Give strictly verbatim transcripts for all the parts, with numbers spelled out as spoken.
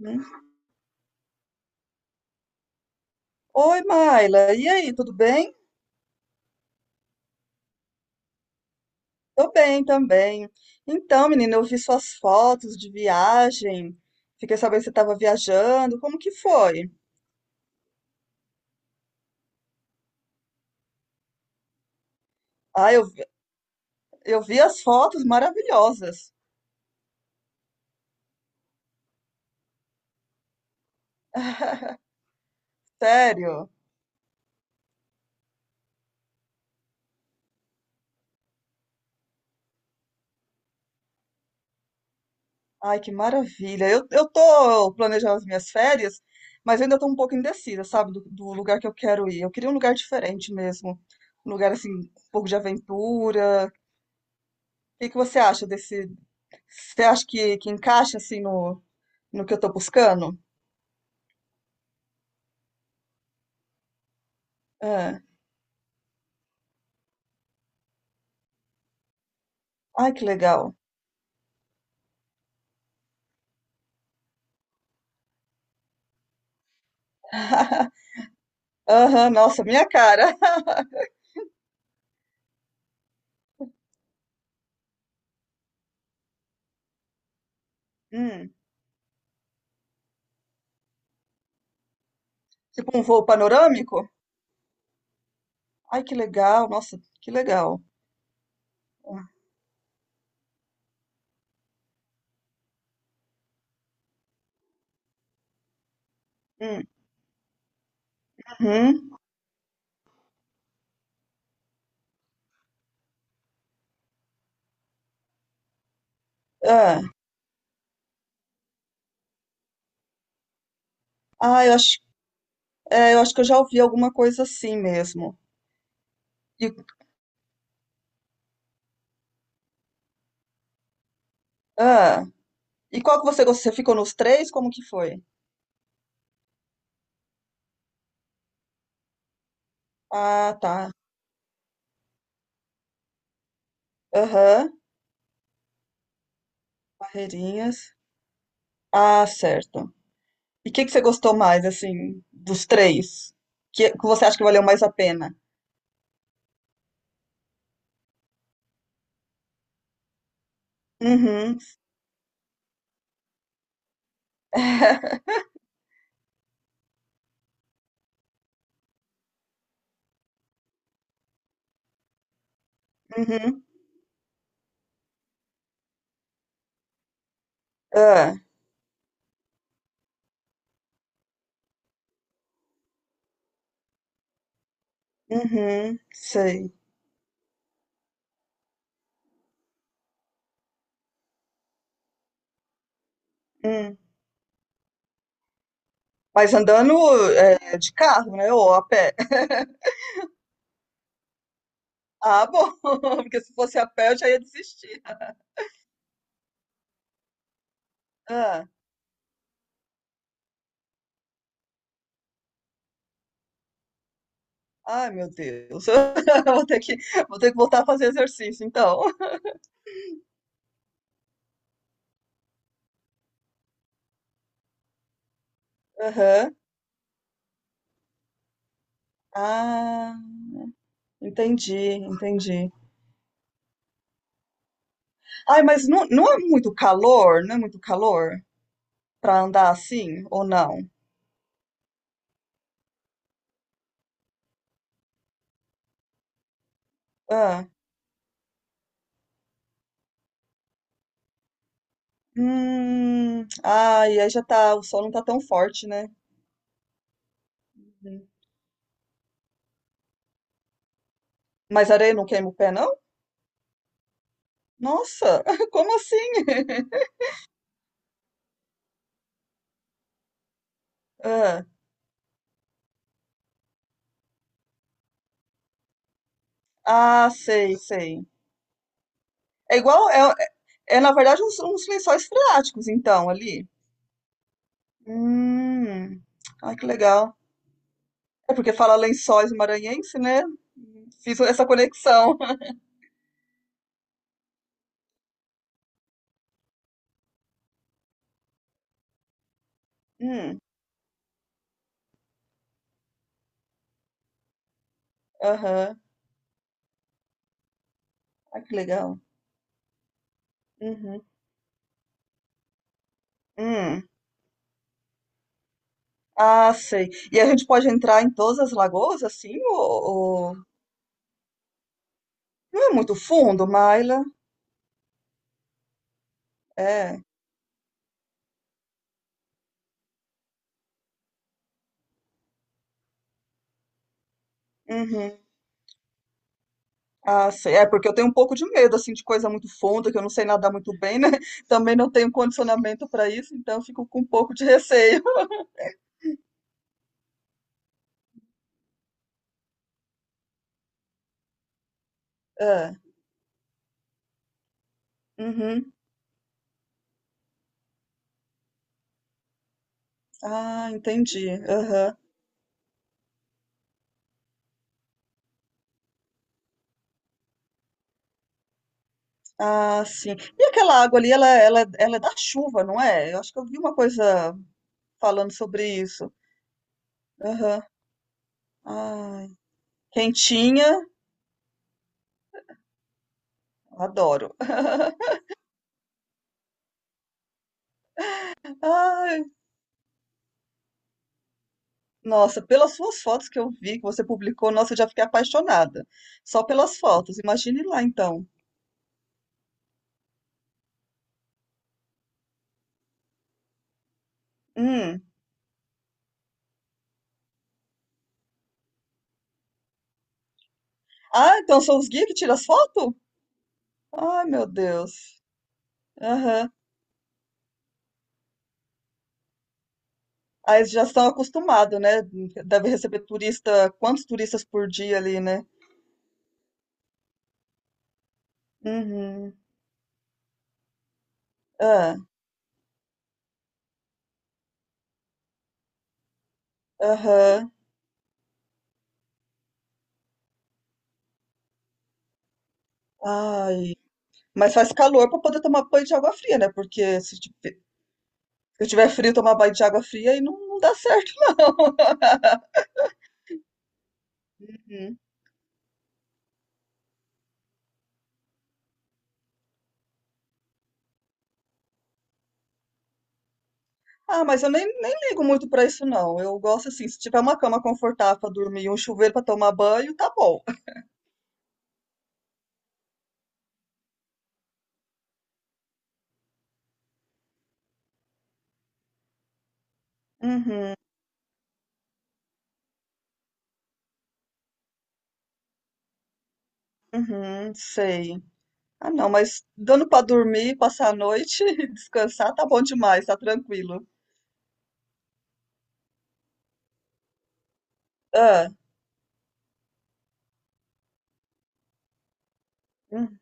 Hum. Oi, Maila. E aí, tudo bem? Tô bem também. Então, menina, eu vi suas fotos de viagem. Fiquei sabendo que você estava viajando. Como que foi? Ah, eu, vi- eu vi as fotos maravilhosas. Sério? Ai, que maravilha. Eu, eu tô planejando as minhas férias, mas ainda tô um pouco indecisa, sabe, do, do lugar que eu quero ir. Eu queria um lugar diferente mesmo. Um lugar, assim, um pouco de aventura. O que que você acha desse... Você acha que, que encaixa, assim, no, no que eu tô buscando? Ah, ai, que legal. Aham, nossa, minha cara. Hum, tipo um voo panorâmico? Ai, que legal, nossa, que legal. Hum, uhum. Ah, ah, eu acho, é, eu acho que eu já ouvi alguma coisa assim mesmo. E, ah, e qual que você gostou? Você ficou nos três? Como que foi? Ah, tá. Aham, Barreirinhas. Ah, certo. E o que que você gostou mais, assim, dos três? Que, que você acha que valeu mais a pena? Uhum. Uhum. É. Uhum. Sei. Hum. Mas andando é, de carro, né? Ou a pé. Ah, bom. Porque se fosse a pé, eu já ia desistir. Ah. Ai, meu Deus. Eu Vou ter que, vou ter que voltar a fazer exercício, então. Aham. Ah, entendi, entendi. Ai, mas não, não é muito calor? Não é muito calor para andar assim ou não? Ah. Hum. Ai, aí já tá. O sol não tá tão forte, né? Uhum. Mas areia não queima o pé, não? Nossa, como assim? Ah, ah, sei, sei. É igual, é, é na verdade uns, uns lençóis freáticos, então, ali. Hum, ai, que legal. É porque fala lençóis maranhense, né? Fiz essa conexão. Hum, aham, ai, que legal. Uhum, hum, ah, sei. E a gente pode entrar em todas as lagoas, assim, ou, ou- não é muito fundo, Maila? É, uhum. Ah, sei. É, porque eu tenho um pouco de medo, assim, de coisa muito funda, que eu não sei nadar muito bem, né? Também não tenho condicionamento para isso, então eu fico com um pouco de receio. É. Uhum. Ah, entendi. Aham. Ah, sim. E aquela água ali, ela, ela, ela é da chuva, não é? Eu acho que eu vi uma coisa falando sobre isso. Aham. Ai. Quentinha, adoro. Ai, nossa, pelas suas fotos que eu vi, que você publicou, nossa, eu já fiquei apaixonada. Só pelas fotos. Imagine lá, então. Hum. Ah, então são os guias que tiram as fotos? Ai, meu Deus. Aham. Aí eles já estão acostumados, né? Deve receber turista, quantos turistas por dia ali, né? Uhum. Ah, aham. Ai. Mas faz calor para poder tomar banho de água fria, né? Porque se ti- se eu tiver frio, tomar banho de água fria aí não, não dá certo, não. Uhum. Ah, mas eu nem, nem ligo muito para isso, não. Eu gosto assim, se tiver uma cama confortável para dormir e um chuveiro para tomar banho, tá bom. Uhum, uhum, sei. Ah, não, mas dando pra dormir, passar a noite e descansar, tá bom demais, tá tranquilo. Ah, hum,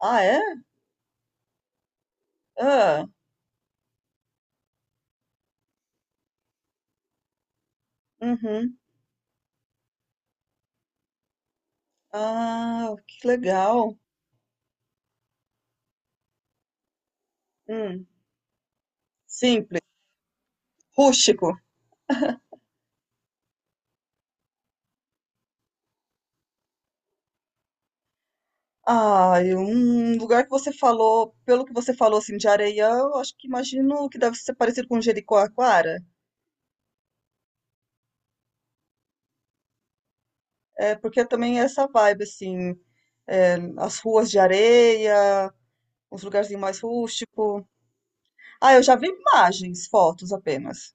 ah, é? Ah, uhum. Ah, que legal. Hum, simples, rústico. Ah, e um lugar que você falou, pelo que você falou assim, de Areião, acho que imagino que deve ser parecido com Jericoacoara. É, porque também é essa vibe, assim, é, as ruas de areia, uns lugarzinhos mais rústico. Ah, eu já vi imagens, fotos apenas.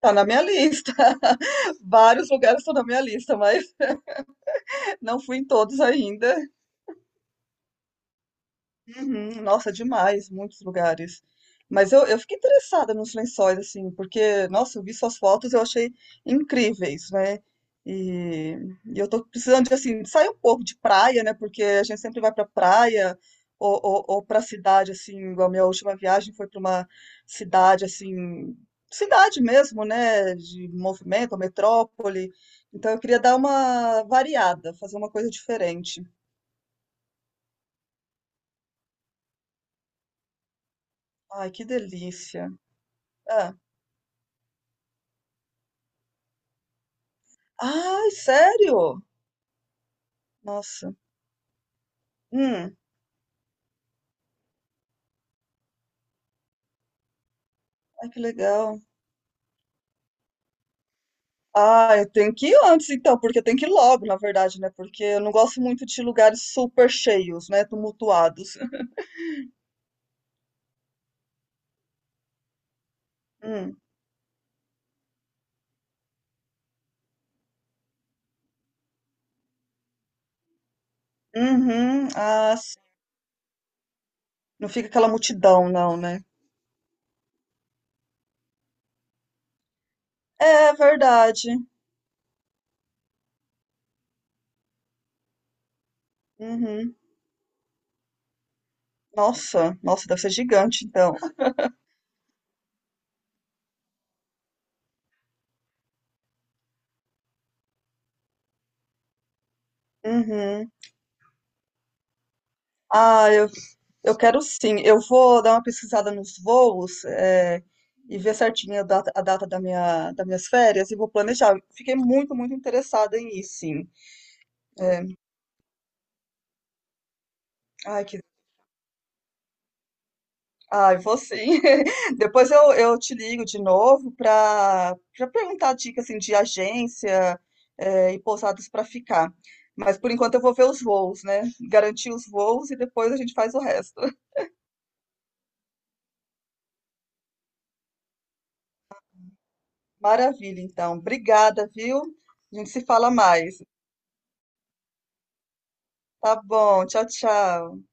Tá na minha lista. Vários lugares estão na minha lista, mas não fui em todos ainda. Uhum, nossa, demais, muitos lugares. Mas eu, eu fiquei interessada nos lençóis, assim, porque, nossa, eu vi suas fotos, e eu achei incríveis, né? E, e eu tô precisando de, assim, sair um pouco de praia, né? Porque a gente sempre vai pra praia ou, ou, ou pra cidade, assim, igual a minha última viagem foi pra uma cidade, assim, cidade mesmo, né? De movimento, metrópole. Então eu queria dar uma variada, fazer uma coisa diferente. Ai, que delícia. Ah. Ai, sério? Nossa. Hum. Ai, que legal. Ah, eu tenho que ir antes então, porque eu tenho que ir logo, na verdade, né? Porque eu não gosto muito de lugares super cheios, né? Tumultuados. Hum. Uhum. Ah, sim. Não fica aquela multidão, não, né? É verdade. Uhum. Nossa, nossa, deve ser gigante, então. Uhum. Ah, eu Eu quero sim. Eu vou dar uma pesquisada nos voos, é, e ver certinho a data, a data da minha, das minhas férias e vou planejar. Fiquei muito, muito interessada em ir, sim. Ai, que. Ai, vou sim. Depois eu, eu te ligo de novo para para perguntar dicas assim, de agência, é, e pousadas para ficar. Mas por enquanto eu vou ver os voos, né? Garantir os voos e depois a gente faz o resto. Maravilha, então. Obrigada, viu? A gente se fala mais. Tá bom. Tchau, tchau.